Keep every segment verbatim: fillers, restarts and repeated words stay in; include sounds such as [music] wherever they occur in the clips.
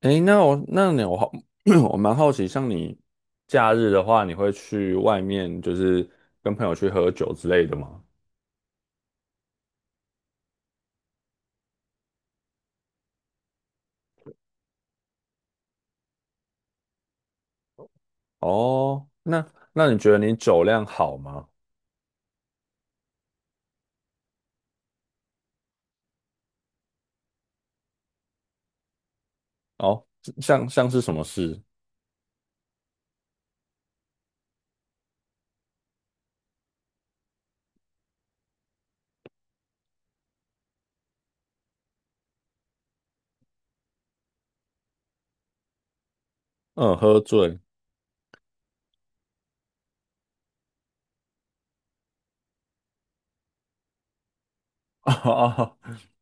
诶，那我那你我好，[clears throat] 我蛮好奇，像你假日的话，你会去外面就是跟朋友去喝酒之类的吗？哦，那那你觉得你酒量好吗？哦，像像是什么事？嗯，喝醉。[laughs] 哦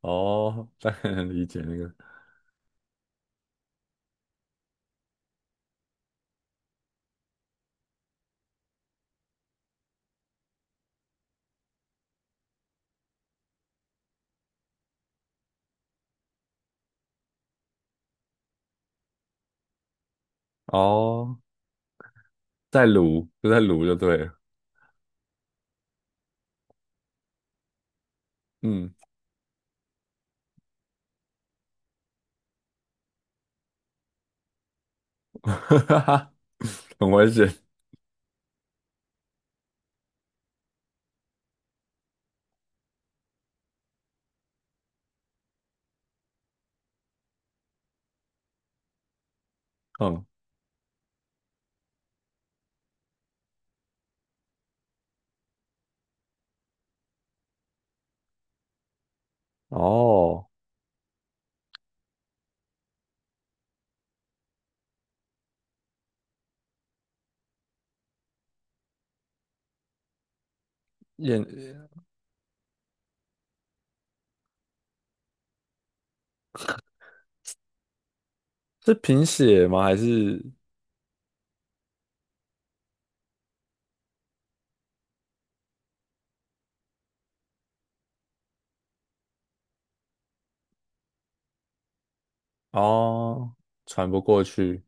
哦，大概能理解那个。哦，在撸就在撸就对了。嗯，[laughs] 很危险。嗯，哦，眼是贫血吗？还是？哦，传不过去，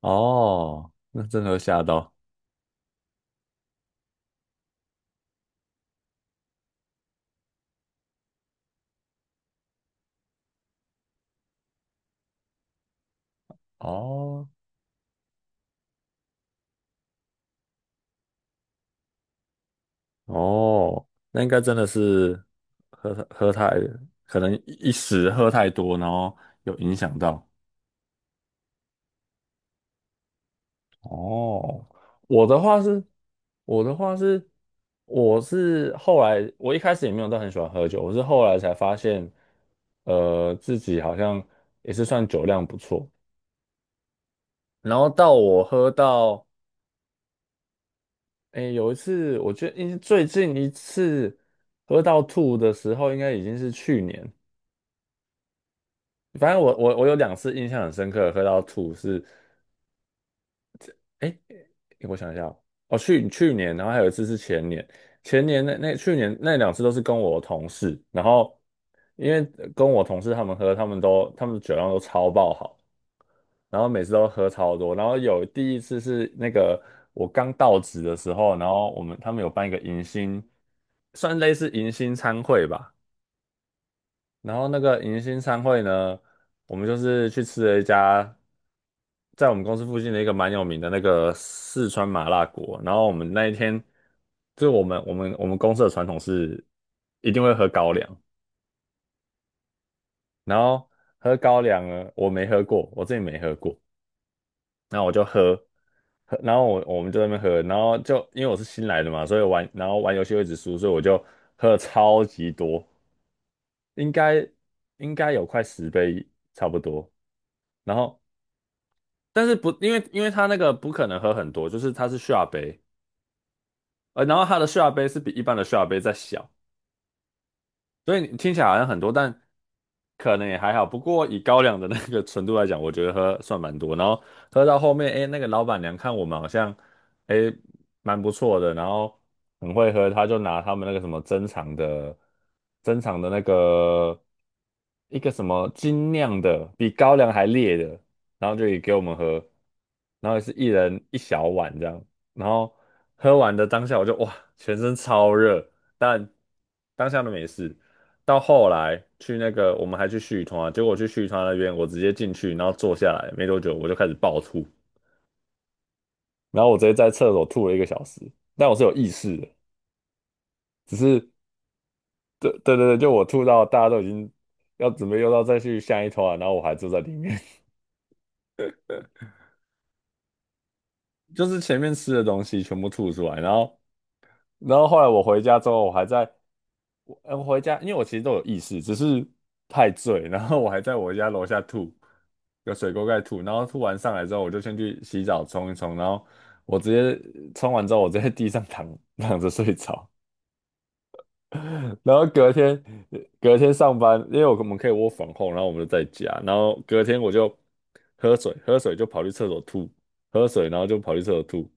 哦，那真的会吓到，哦哦，那应该真的是喝喝太，可能一时喝太多，然后有影响到。哦，我的话是，我的话是，我是后来，我一开始也没有到很喜欢喝酒，我是后来才发现，呃，自己好像也是算酒量不错。然后到我喝到诶，有一次，我觉得应最近一次喝到吐的时候，应该已经是去年。反正我我我有两次印象很深刻，喝到吐是，诶，我想一下哦，哦，去去年，然后还有一次是前年，前年那那去年那两次都是跟我同事，然后因为跟我同事他们喝，他们都他们酒量都超爆好，然后每次都喝超多。然后有第一次是那个我刚到职的时候，然后我们他们有办一个迎新，算类似迎新餐会吧。然后那个迎新餐会呢，我们就是去吃了一家在我们公司附近的一个蛮有名的那个四川麻辣锅。然后我们那一天，就我们我们我们公司的传统是一定会喝高粱，然后喝高粱呢，我没喝过，我自己没喝过。然后我就喝，喝然后我我们就在那边喝，然后就因为我是新来的嘛，所以玩然后玩游戏会一直输，所以我就喝了超级多，应该应该有快十杯差不多。然后但是不因为因为他那个不可能喝很多，就是它是下杯，呃，然后它的下杯是比一般的下杯再小，所以你听起来好像很多，但可能也还好。不过以高粱的那个纯度来讲，我觉得喝算蛮多。然后喝到后面，哎，那个老板娘看我们好像，哎，蛮不错的，然后很会喝，他就拿他们那个什么珍藏的、珍藏的那个一个什么精酿的，比高粱还烈的，然后就也给我们喝，然后也是一人一小碗这样。然后喝完的当下，我就哇，全身超热，但当下都没事。到后来去那个，我们还去续团啊，结果去续团那边，我直接进去，然后坐下来没多久，我就开始暴吐，然后我直接在厕所吐了一个小时，但我是有意识的，只是对对对对，就我吐到大家都已经要准备又到再去下一团，然后我还坐在里面，[laughs] 就是前面吃的东西全部吐出来，然后然后后来我回家之后，我还在我呃我回家，因为我其实都有意识，只是太醉，然后我还在我家楼下吐，有水沟盖吐，然后吐完上来之后，我就先去洗澡冲一冲，然后我直接冲完之后，我直接在地上躺躺着睡着，[laughs] 然后隔天隔天上班，因为我们可以窝房 r 然后我们就在家，然后隔天我就喝水，喝水就跑去厕所吐，喝水然后就跑去厕所吐，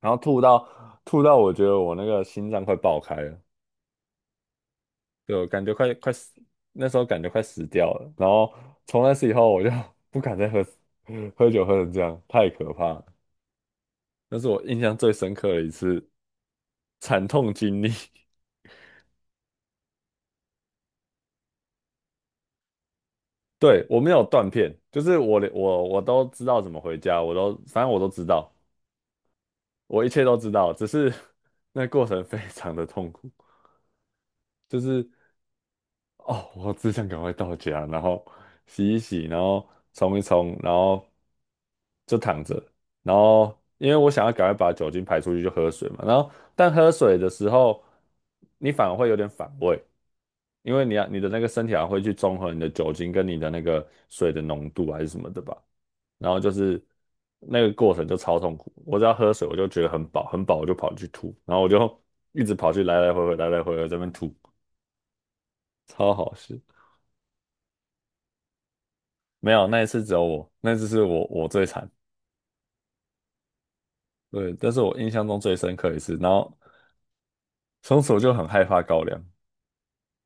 然后吐到吐到我觉得我那个心脏快爆开了。对，我感觉快快死，那时候感觉快死掉了。然后从那次以后，我就 [laughs] 不敢再喝喝酒喝成这样，太可怕了。那是我印象最深刻的一次惨痛经历。[laughs] 对，我没有断片，就是我连我我都知道怎么回家，我都反正我都知道，我一切都知道，只是 [laughs] 那过程非常的痛苦，就是哦，我只想赶快到家，然后洗一洗，然后冲一冲，然后就躺着，然后因为我想要赶快把酒精排出去，就喝水嘛。然后但喝水的时候，你反而会有点反胃，因为你要你的那个身体还会去中和你的酒精跟你的那个水的浓度还是什么的吧。然后就是那个过程就超痛苦，我只要喝水我就觉得很饱，很饱我就跑去吐，然后我就一直跑去来来回回来来回回在那边吐，超好笑。没有，那一次只有我，那一次是我我最惨。对，但是我印象中最深刻一次，然后从此我就很害怕高粱，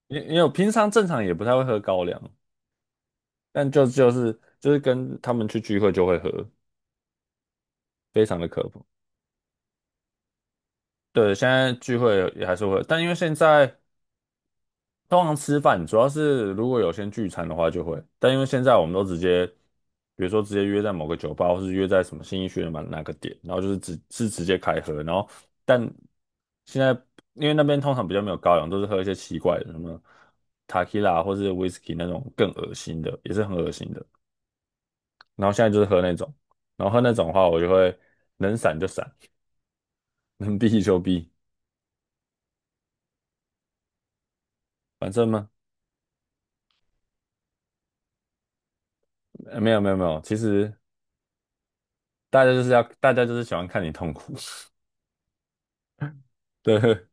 因因为我平常正常也不太会喝高粱，但就就是就是跟他们去聚会就会喝，非常的可怕。对，现在聚会也还是会，但因为现在通常吃饭主要是如果有先聚餐的话就会，但因为现在我们都直接，比如说直接约在某个酒吧，或是约在什么新义区的嘛哪个点，然后就是直是直接开喝，然后但现在因为那边通常比较没有高粱，都是喝一些奇怪的什么塔 e 拉或是 whisky 那种更恶心的，也是很恶心的。然后现在就是喝那种，然后喝那种的话，我就会能闪就闪，[laughs] 能避就避，反正嘛，呃没有没有没有，其实大家就是要大家就是喜欢看你痛苦，[laughs] 对。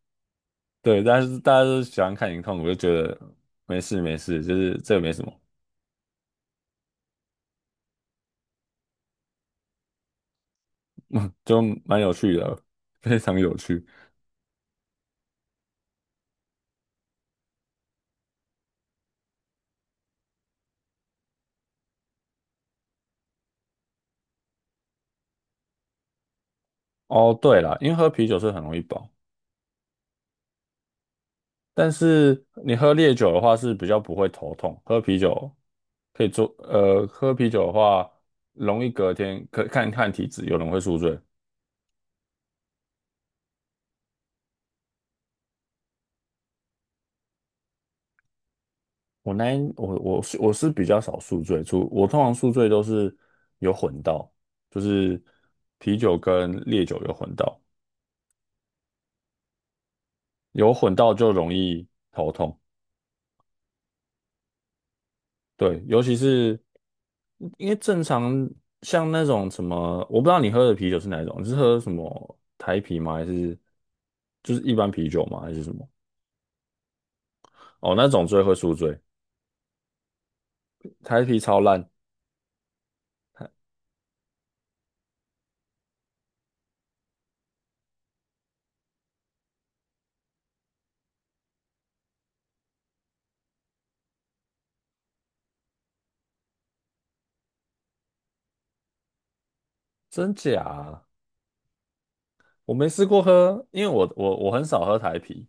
对，但是大家都喜欢看你痛我就觉得没事没事，就是这个没什么，[laughs] 就蛮有趣的，[laughs] 非常有趣。哦，对了，因为喝啤酒是很容易饱，但是你喝烈酒的话是比较不会头痛，喝啤酒可以做，呃，喝啤酒的话容易隔天可看看体质，有人会宿醉。我那一我我是我是比较少宿醉，除我通常宿醉都是有混到，就是啤酒跟烈酒有混到。有混到就容易头痛，对，尤其是因为正常像那种什么，我不知道你喝的啤酒是哪一种，你是喝什么台啤吗？还是就是一般啤酒吗？还是什么？哦，那种最会宿醉，台啤超烂，真假啊？我没试过喝，因为我我我很少喝台啤，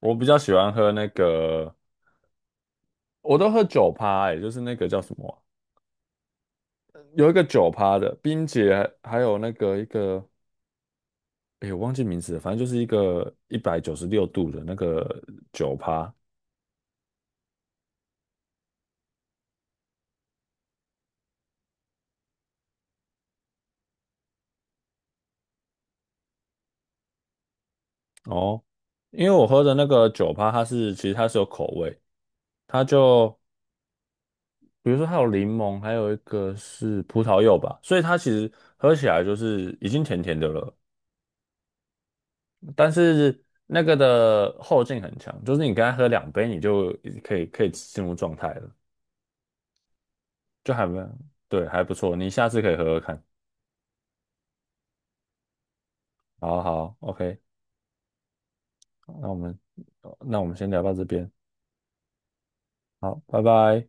我比较喜欢喝那个，我都喝酒趴，哎，就是那个叫什么啊有一个酒趴的冰姐，还有那个一个。哎，我忘记名字了，反正就是一个一百九十六度的那个酒趴哦。因为我喝的那个酒趴，它是其实它是有口味，它就比如说它有柠檬，还有一个是葡萄柚吧，所以它其实喝起来就是已经甜甜的了，但是那个的后劲很强，就是你刚它喝两杯，你就可以可以进入状态了，就还蛮对，还不错，你下次可以喝喝看。好好，OK，那我们那我们先聊到这边，好，拜拜。